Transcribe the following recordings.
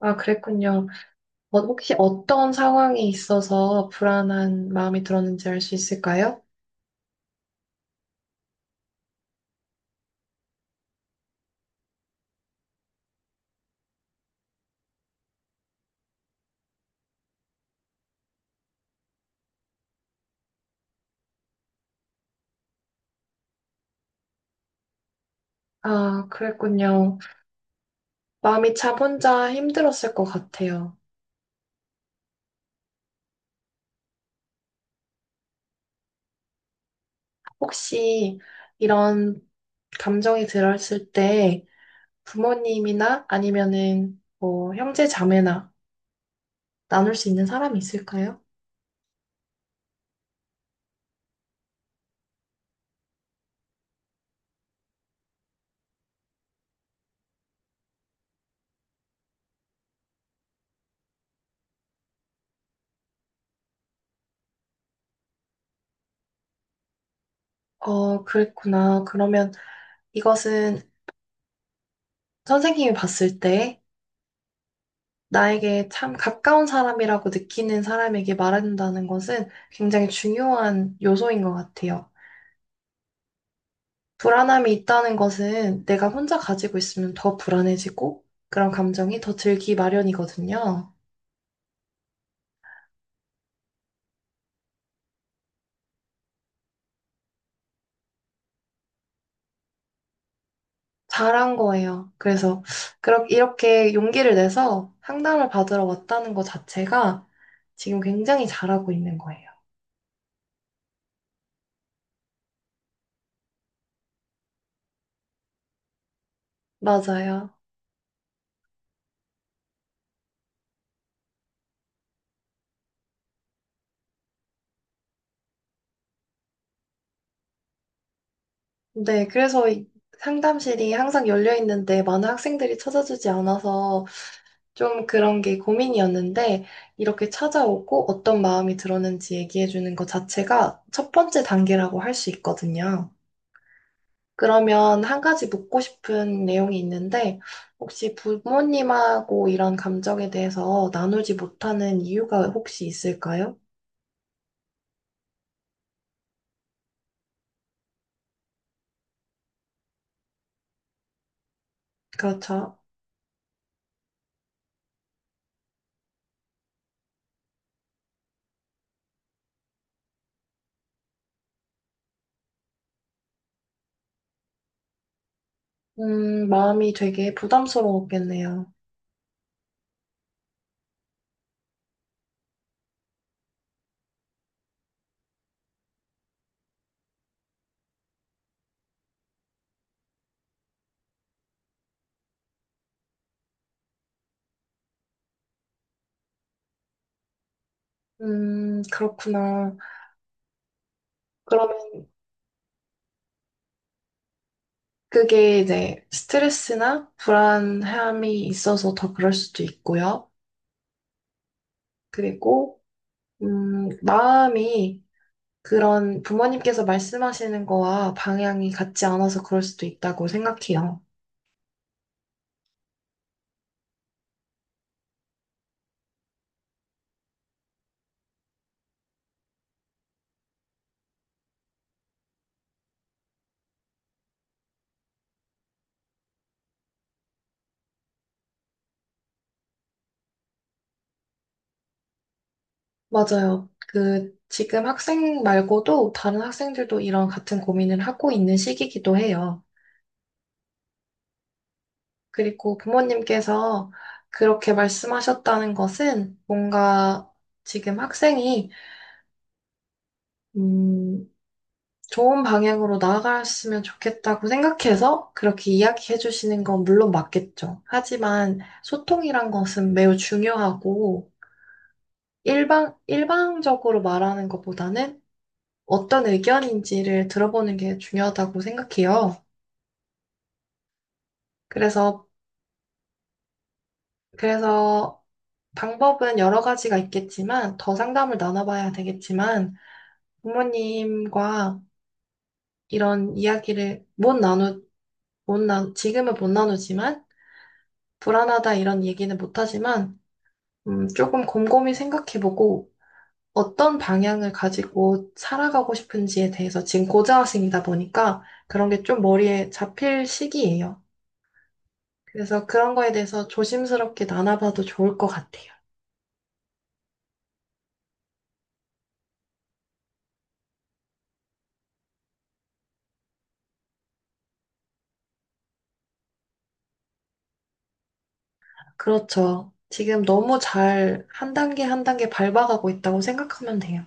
아, 그랬군요. 혹시 어떤 상황이 있어서 불안한 마음이 들었는지 알 수 있을까요? 아, 그랬군요. 마음이 참 혼자 힘들었을 것 같아요. 혹시 이런 감정이 들었을 때 부모님이나 아니면은 뭐 형제 자매나 나눌 수 있는 사람이 있을까요? 그랬구나. 그러면 이것은 선생님이 봤을 때 나에게 참 가까운 사람이라고 느끼는 사람에게 말한다는 것은 굉장히 중요한 요소인 것 같아요. 불안함이 있다는 것은 내가 혼자 가지고 있으면 더 불안해지고 그런 감정이 더 들기 마련이거든요. 잘한 거예요. 그래서 그렇 이렇게 용기를 내서 상담을 받으러 왔다는 것 자체가 지금 굉장히 잘하고 있는 거예요. 맞아요. 네, 그래서 이 상담실이 항상 열려 있는데 많은 학생들이 찾아주지 않아서 좀 그런 게 고민이었는데, 이렇게 찾아오고 어떤 마음이 들었는지 얘기해주는 것 자체가 첫 번째 단계라고 할 수 있거든요. 그러면 한 가지 묻고 싶은 내용이 있는데, 혹시 부모님하고 이런 감정에 대해서 나누지 못하는 이유가 혹시 있을까요? 그렇죠. 마음이 되게 부담스러웠겠네요. 그렇구나. 그러면 그게 이제 스트레스나 불안함이 있어서 더 그럴 수도 있고요. 그리고, 마음이 그런 부모님께서 말씀하시는 거와 방향이 같지 않아서 그럴 수도 있다고 생각해요. 맞아요. 그, 지금 학생 말고도 다른 학생들도 이런 같은 고민을 하고 있는 시기이기도 해요. 그리고 부모님께서 그렇게 말씀하셨다는 것은 뭔가 지금 학생이, 음, 좋은 방향으로 나아갔으면 좋겠다고 생각해서 그렇게 이야기해 주시는 건 물론 맞겠죠. 하지만 소통이란 것은 매우 중요하고 일방적으로 말하는 것보다는 어떤 의견인지를 들어보는 게 중요하다고 생각해요. 그래서, 그래서 방법은 여러 가지가 있겠지만 더 상담을 나눠봐야 되겠지만 부모님과 이런 이야기를 못 나, 지금은 못 나누지만 불안하다 이런 얘기는 못하지만 조금 곰곰이 생각해보고 어떤 방향을 가지고 살아가고 싶은지에 대해서 지금 고등학생이다 보니까 그런 게 좀 머리에 잡힐 시기예요. 그래서 그런 거에 대해서 조심스럽게 나눠봐도 좋을 것 같아요. 그렇죠. 지금 너무 잘 한 단계 한 단계 밟아가고 있다고 생각하면 돼요.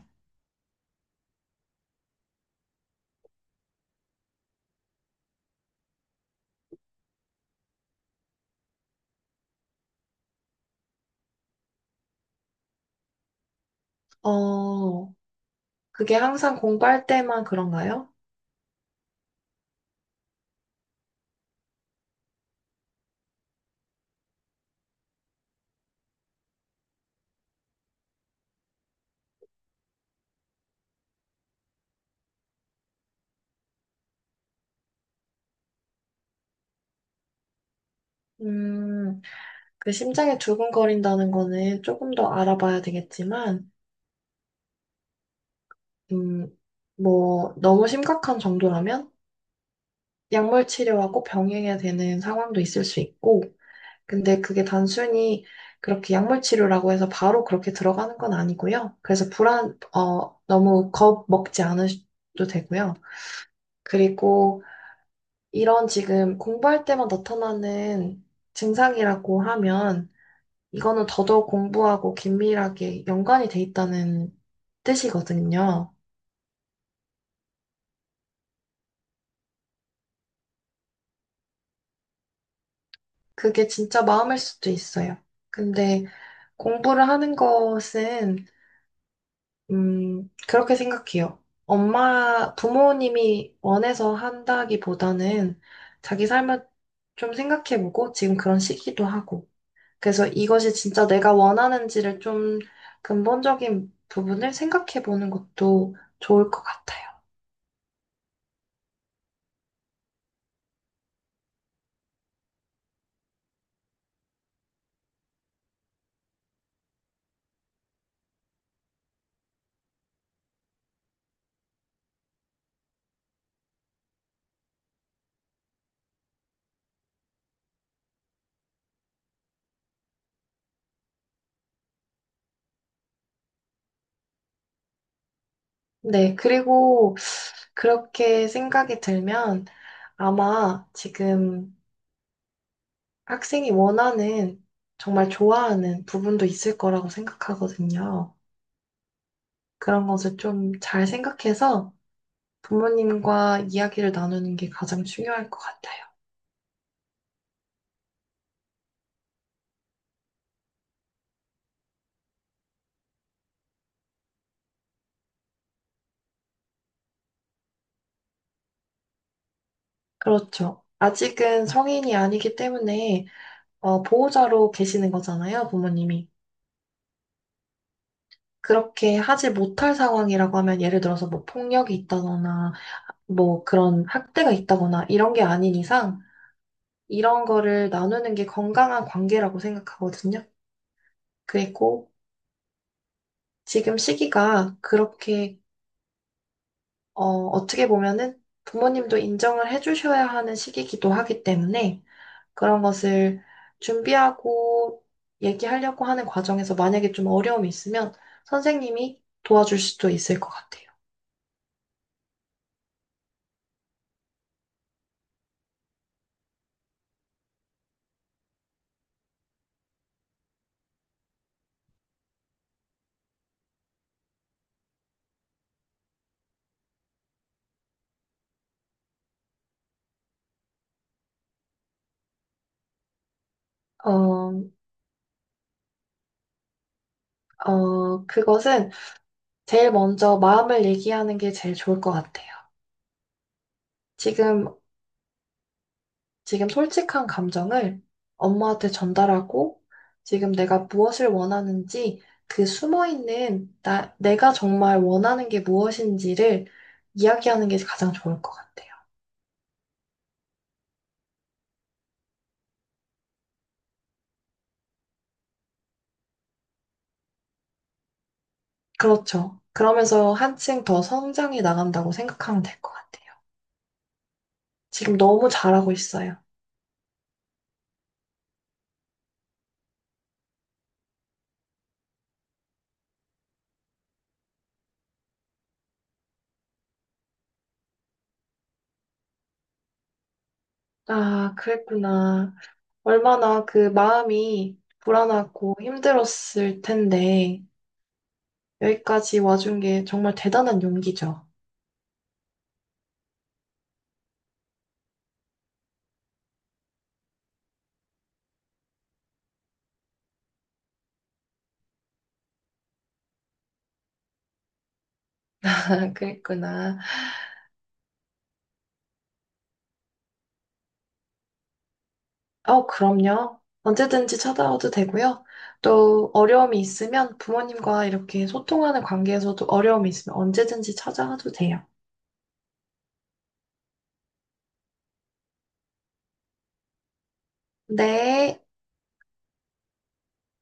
어, 그게 항상 공부할 때만 그런가요? 음, 그 심장이 두근거린다는 거는 조금 더 알아봐야 되겠지만, 음, 뭐, 너무 심각한 정도라면 약물 치료하고 병행해야 되는 상황도 있을 수 있고, 근데 그게 단순히 그렇게 약물 치료라고 해서 바로 그렇게 들어가는 건 아니고요. 그래서 너무 겁 먹지 않으셔도 되고요. 그리고 이런 지금 공부할 때만 나타나는 증상이라고 하면, 이거는 더더욱 공부하고 긴밀하게 연관이 돼 있다는 뜻이거든요. 그게 진짜 마음일 수도 있어요. 근데 공부를 하는 것은, 그렇게 생각해요. 엄마, 부모님이 원해서 한다기보다는 자기 삶을 좀 생각해보고 지금 그런 시기도 하고. 그래서 이것이 진짜 내가 원하는지를 좀 근본적인 부분을 생각해보는 것도 좋을 것 같아요. 네, 그리고 그렇게 생각이 들면 아마 지금 학생이 원하는 정말 좋아하는 부분도 있을 거라고 생각하거든요. 그런 것을 좀 잘 생각해서 부모님과 이야기를 나누는 게 가장 중요할 것 같아요. 그렇죠. 아직은 성인이 아니기 때문에 보호자로 계시는 거잖아요, 부모님이. 그렇게 하지 못할 상황이라고 하면 예를 들어서 뭐 폭력이 있다거나 뭐 그런 학대가 있다거나 이런 게 아닌 이상 이런 거를 나누는 게 건강한 관계라고 생각하거든요. 그리고 지금 시기가 그렇게 어떻게 보면은 부모님도 인정을 해주셔야 하는 시기이기도 하기 때문에 그런 것을 준비하고 얘기하려고 하는 과정에서 만약에 좀 어려움이 있으면 선생님이 도와줄 수도 있을 것 같아요. 어, 그것은 제일 먼저 마음을 얘기하는 게 제일 좋을 것 같아요. 지금 지금 솔직한 감정을 엄마한테 전달하고 지금 내가 무엇을 원하는지 그 숨어있는 나, 내가 정말 원하는 게 무엇인지를 이야기하는 게 가장 좋을 것 같아요. 그렇죠. 그러면서 한층 더 성장해 나간다고 생각하면 될 것 같아요. 지금 너무 잘하고 있어요. 아, 그랬구나. 얼마나 그 마음이 불안하고 힘들었을 텐데 여기까지 와준 게 정말 대단한 용기죠. 그랬구나. 그럼요. 언제든지 찾아와도 되고요. 또 어려움이 있으면 부모님과 이렇게 소통하는 관계에서도 어려움이 있으면 언제든지 찾아와도 돼요. 네.